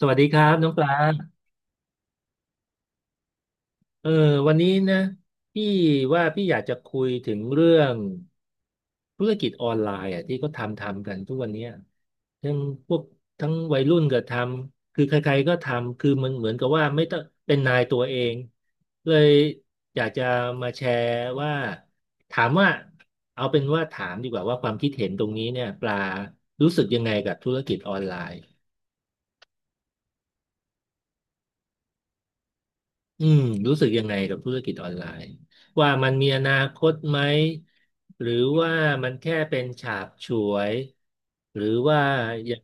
สวัสดีครับน้องปลาเออวันนี้นะพี่ว่าพี่อยากจะคุยถึงเรื่องธุรกิจออนไลน์อ่ะที่ก็ทำกันทุกวันเนี้ยทั้งพวกทั้งวัยรุ่นก็ทำคือใครๆก็ทำคือมันเหมือนกับว่าไม่ต้องเป็นนายตัวเองเลยอยากจะมาแชร์ว่าถามว่าเอาเป็นว่าถามดีกว่าว่าความคิดเห็นตรงนี้เนี่ยปลารู้สึกยังไงกับธุรกิจออนไลน์ อืมรู้สึกยังไงกับธุรกิจออนไลน์ว่ามันมีอนาคตไหมหรือว่ามันแค่เป็นฉาบฉวยหรือว่าอย่าง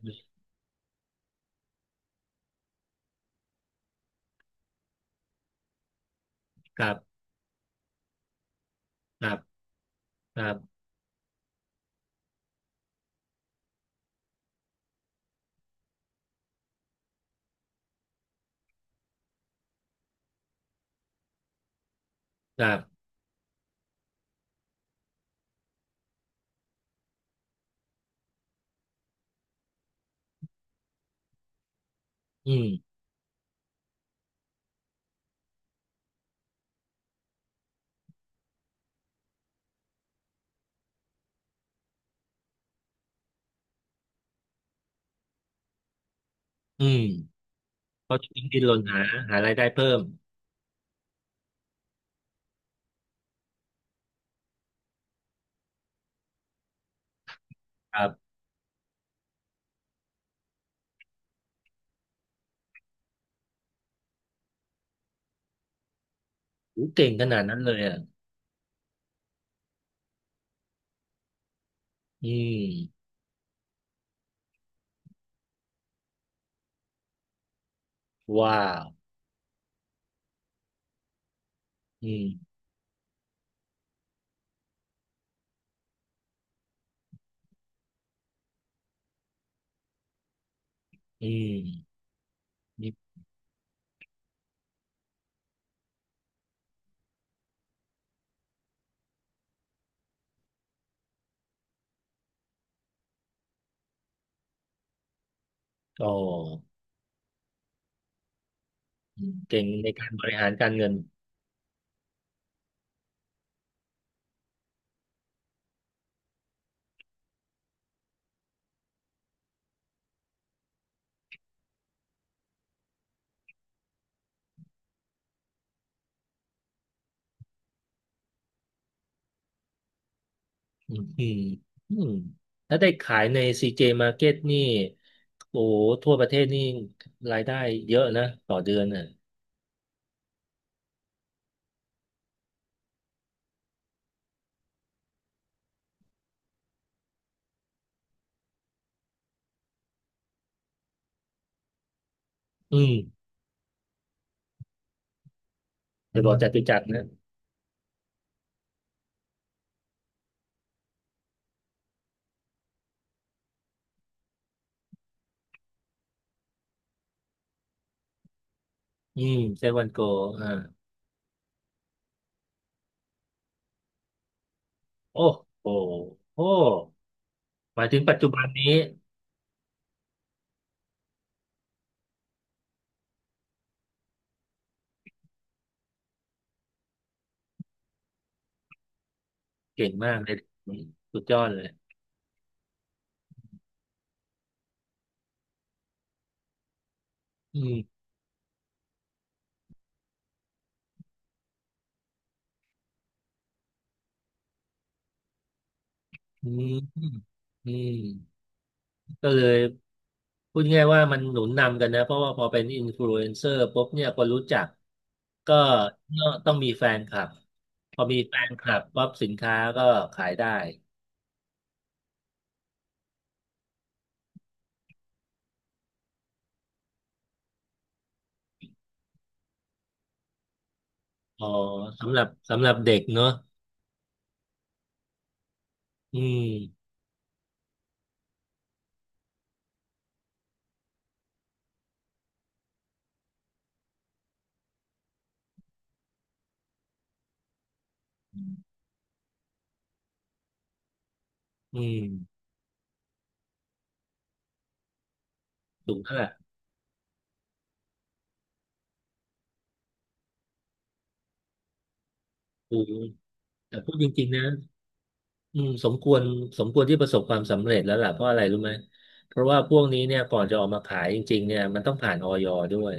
กับกับกับกับอืมอืมเขาะดิ้นรนหาหารายได้เพิ่มครับโหเก่งขนาดนั้นเลยอ่ะอืมว้าวอืมอืมนี่โอ้เก่งในการบริหารการเงิน อืมอืมอืมถ้าได้ขายใน CJ Market นี่โอ้โหทั่วประเทศนี่รายได้เยอะนะต่อเดือนน่ะอืมอจะบอกัจตุจักรนะอืมเซเว่นโกอ่าโอ้โหโอ้หมายถึงปัจจุบันนี้เก่งมากเลยสุดยอดเลยอืมอืมอืม ก็เลยพูดง่ายๆว่ามันหนุนนำกันนะเพราะว่าพอเป็นอินฟลูเอนเซอร์ปุ๊บเนี่ยคนรู้จักก็ต้องมีแฟนคลับพอมีแฟนคลับปั๊บสินค้าก็ขายได้อ๋อสำหรับเด็กเนอะอืมอืมสูงเท่าไหร่สูงแต่พูดจริงๆนะอืมสมควรสมควรที่ประสบความสำเร็จแล้วล่ะเพราะอะไรรู้ไหมเพราะว่าพวกนี้เนี่ยก่อนจะออกมาขายจริงๆเนี่ยมันต้องผ่านออยด้วย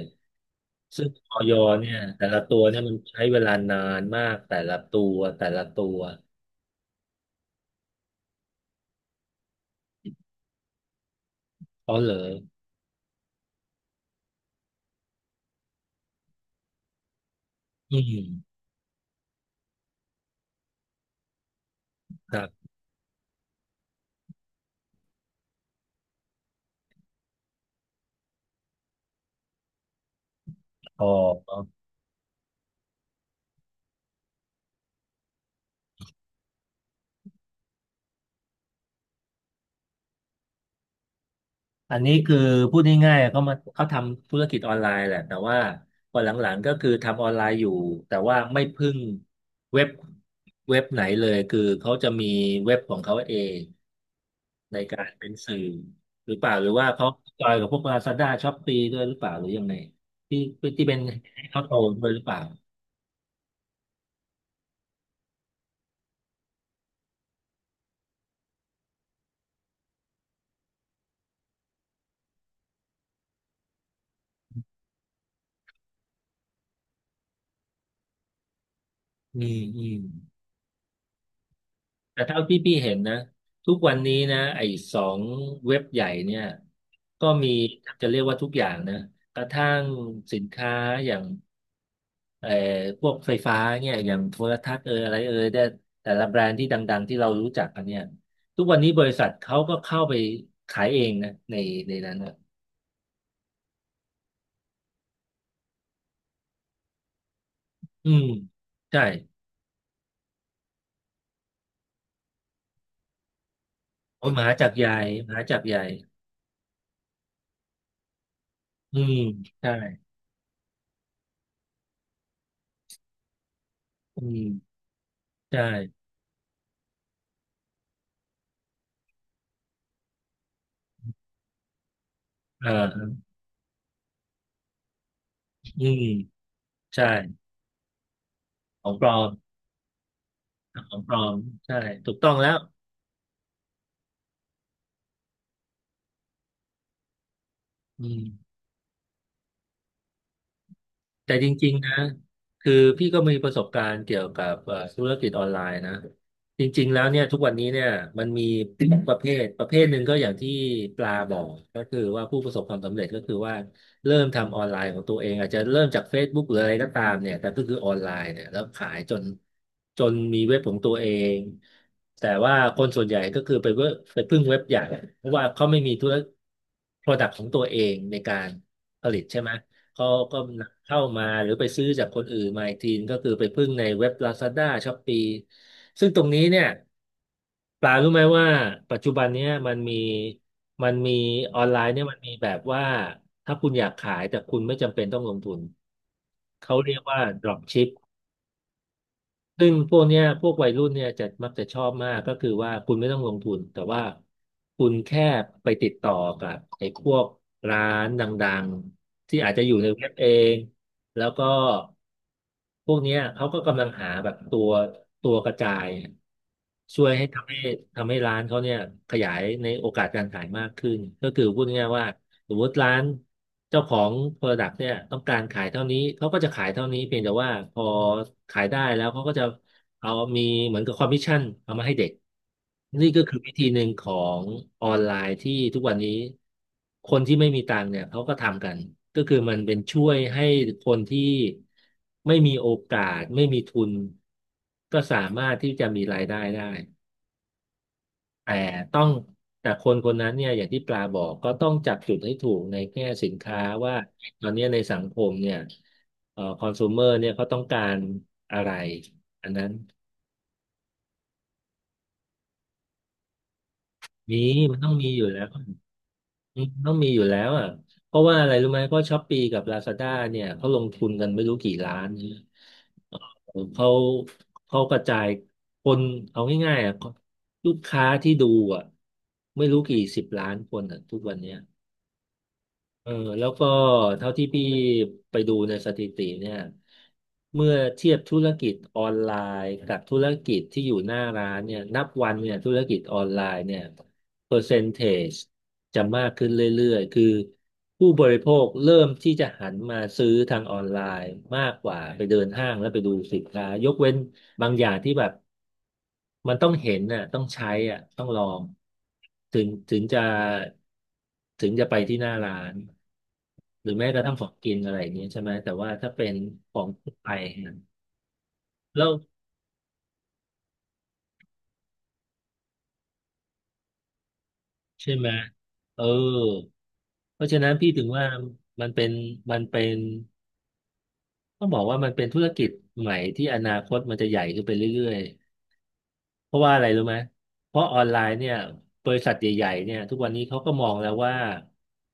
ซึ่งออยเนี่ยแต่ละตัวเนี่ยมันใช้เวลานานมากแต่ละตัวแต่ละตัวเขาเลยออืมครับอ๋ออันนี้คือพูดง่ายๆเขามาเขาทำธุรกิจออนไลน์แหละแต่ว่าพอหลังๆก็คือทำออนไลน์อยู่แต่ว่าไม่พึ่งเว็บเว็บไหนเลยคือเขาจะมีเว็บของเขาเองในการเป็นสื่อหรือเปล่าหรือว่าเขาจอยกับพวก Lazada Shopee ด้วยหรือเปล่าหรือยังไงที่ที่เป็นให้เขาโตด้วยหรือเปล่าอืมอืม แต่เท่าที่พี่เห็นนะทุกวันนี้นะไอ้สองเว็บใหญ่เนี่ยก็มีจะเรียกว่าทุกอย่างนะกระทั่งสินค้าอย่างเอ่อพวกไฟฟ้าเนี่ยอย่างโทรทัศน์เอออะไรเออได้แต่ละแบรนด์ที่ดังๆที่เรารู้จักกันเนี่ยทุกวันนี้บริษัทเขาก็เข้าไปขายเองนะในนั้นนะอืมใช่โอ้ยมหาจักรใหญ่มหาจักรใหญ่อืมใช่อืมใช่เอออืมใช่ของปลอม ของปลอมใช่ถูกต้องแล้วอืม แต่จริงๆนะคือพี่ก็มีประสบการณ์เกี่ยวกับธุรกิจออนไลน์นะจริงๆแล้วเนี่ยทุกวันนี้เนี่ยมันมี ประเภทหนึ่งก็อย่างที่ปลาบอกก็คือว่าผู้ประสบความสำเร็จก็คือว่าเริ่มทำออนไลน์ของตัวเองอาจจะเริ่มจาก Facebook หรืออะไรก็ตามเนี่ยแต่ก็คือออนไลน์เนี่ยแล้วขายจนจนมีเว็บของตัวเองแต่ว่าคนส่วนใหญ่ก็คือไปเว็บไปพึ่งเว็บใหญ่เพราะว่าเขาไม่มีธุร product ของตัวเองในการผลิตใช่ไหม เขาก็เข้ามาหรือไปซื้อจากคนอื่นมาอีกทีก็คือไปพึ่งในเว็บ Lazada Shopee ซึ่งตรงนี้เนี่ยปลารู้ไหมว่าปัจจุบันเนี้ยมันมีออนไลน์เนี่ยมันมีแบบว่าถ้าคุณอยากขายแต่คุณไม่จำเป็นต้องลงทุนเขาเรียกว่า drop ship ซึ่งพวกเนี้ยพวกวัยรุ่นเนี่ยจะมักจะชอบมากก็คือว่าคุณไม่ต้องลงทุนแต่ว่าคุณแค่ไปติดต่อกับไอ้พวกร้านดังๆที่อาจจะอยู่ในเว็บเองแล้วก็พวกเนี้ยเขาก็กำลังหาแบบตัวตัวกระจายช่วยให้ทำให้ร้านเขาเนี่ยขยายในโอกาสการขายมากขึ้นก็คือพูดง่ายๆว่า สมมติร้านเจ้าของ Product เนี่ยต้องการขายเท่านี้เขาก็จะขายเท่านี้เพียงแต่ว่าพอขายได้แล้วเขาก็จะเอามีเหมือนกับคอมมิชชั่นเอามาให้เด็กนี่ก็คือวิธีหนึ่งของออนไลน์ที่ทุกวันนี้คนที่ไม่มีตังค์เนี่ยเขาก็ทำกันก็คือมันเป็นช่วยให้คนที่ไม่มีโอกาสไม่มีทุนก็สามารถที่จะมีรายได้ได้ แต่ต้องแต่คนคนนั้นเนี่ยอย่างที่ปลาบอกก็ต้องจับจุดให้ถูกในแง่สินค้าว่าตอนเนี้ยในสังคมเนี่ยคอน sumer เนี่ยเขาต้องการอะไรอันนั้นมีมันต้องมีอยู่แล้วต้องมีอยู่แล้วอ่ะเพราะว่าอะไรรู้ไหมเพราะช้อปปี้กับ Lazada เนี่ยเขาลงทุนกันไม่รู้กี่ล้านเนี่ยเขากระจายคนเอาง่ายๆอ่ะลูกค้าที่ดูอ่ะไม่รู้กี่สิบล้านคนอ่ะทุกวันเนี้ย เออแล้วก็เท่าที่พี่ไปดูในสถิติเนี่ยเมื่อเทียบธุรกิจออนไลน์กับธุรกิจที่อยู่หน้าร้านเนี่ยนับวันเนี่ยธุรกิจออนไลน์เนี่ย เปอร์เซนเทจจะมากขึ้นเรื่อยๆ คือผู้บริโภคเริ่มที่จะหันมาซื้อทางออนไลน์มากกว่าไปเดินห้างแล้วไปดูสินค้ายกเว้นบางอย่างที่แบบมันต้องเห็นน่ะต้องใช้อ่ะต้องลองถึงจะถึงจะไปที่หน้าร้านหรือแม้กระทั่งของกินอะไรอย่างเงี้ยใช่ไหมแต่ว่าถ้าเป็นของทั่วไปเนี่ยแล้วใช่ไหมเออเพราะฉะนั้นพี่ถึงว่ามันเป็นมันเป็น ต้องบอกว่ามันเป็นธุรกิจใหม่ที่อนาคตมันจะใหญ่ขึ้นไปเรื่อยๆเพราะว่าอะไรรู้ไหมเพราะออนไลน์เนี่ยบริษัทใหญ่ๆเนี่ยทุกวันนี้เขาก็มองแล้วว่า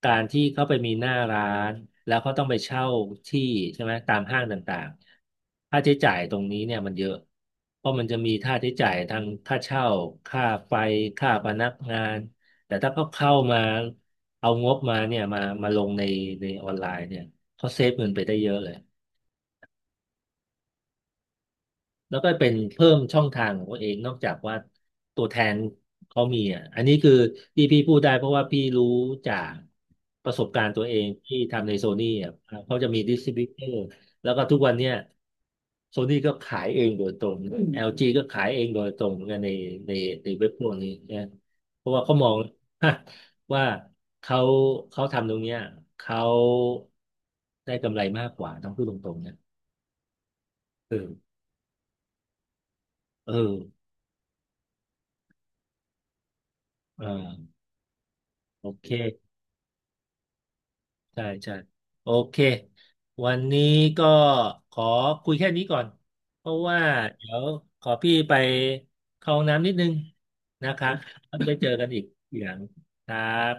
การที่เขาไปมีหน้าร้านแล้วเขาต้องไปเช่าที่ใช่ไหมตามห้างต่างๆค่าใช้จ่ายตรงนี้เนี่ยมันเยอะเพราะมันจะมีค่าใช้จ่ายทางค่าเช่าค่าไฟค่าพนักงานแต่ถ้าเขาเข้ามาเอางบมาเนี่ยมาลงในออนไลน์เนี่ยเขาเซฟเงินไปได้เยอะเลย แล้วก็เป็นเพิ่มช่องทางของตัวเองนอกจากว่าตัวแทนเขามีอ่ะอันนี้คือที่พี่พูดได้เพราะว่าพี่รู้จากประสบการณ์ตัวเองที่ทำในโซนี่อ่ะเขาจะมีดิสทริบิวเตอร์แล้วก็ทุกวันเนี้ยโซนี่ก็ขายเองโดยตรง LG ก็ขายเองโดยตรงเหมือนกันในในเว็บพวกนี้นะเพราะว่าเขามอง ว่าเขาทำตรงเนี้ยเขาได้กำไรมากกว่าต้องพูดตรงๆนะเอออ่า โอเคใช่ใช่โอเค วันนี้ก็ขอคุยแค่นี้ก่อน เพราะว่าเดี๋ยวขอพี่ไปเข้าห้องน้ำนิดนึงนะครับแล้วไปเจอกันอีกอย่างครับ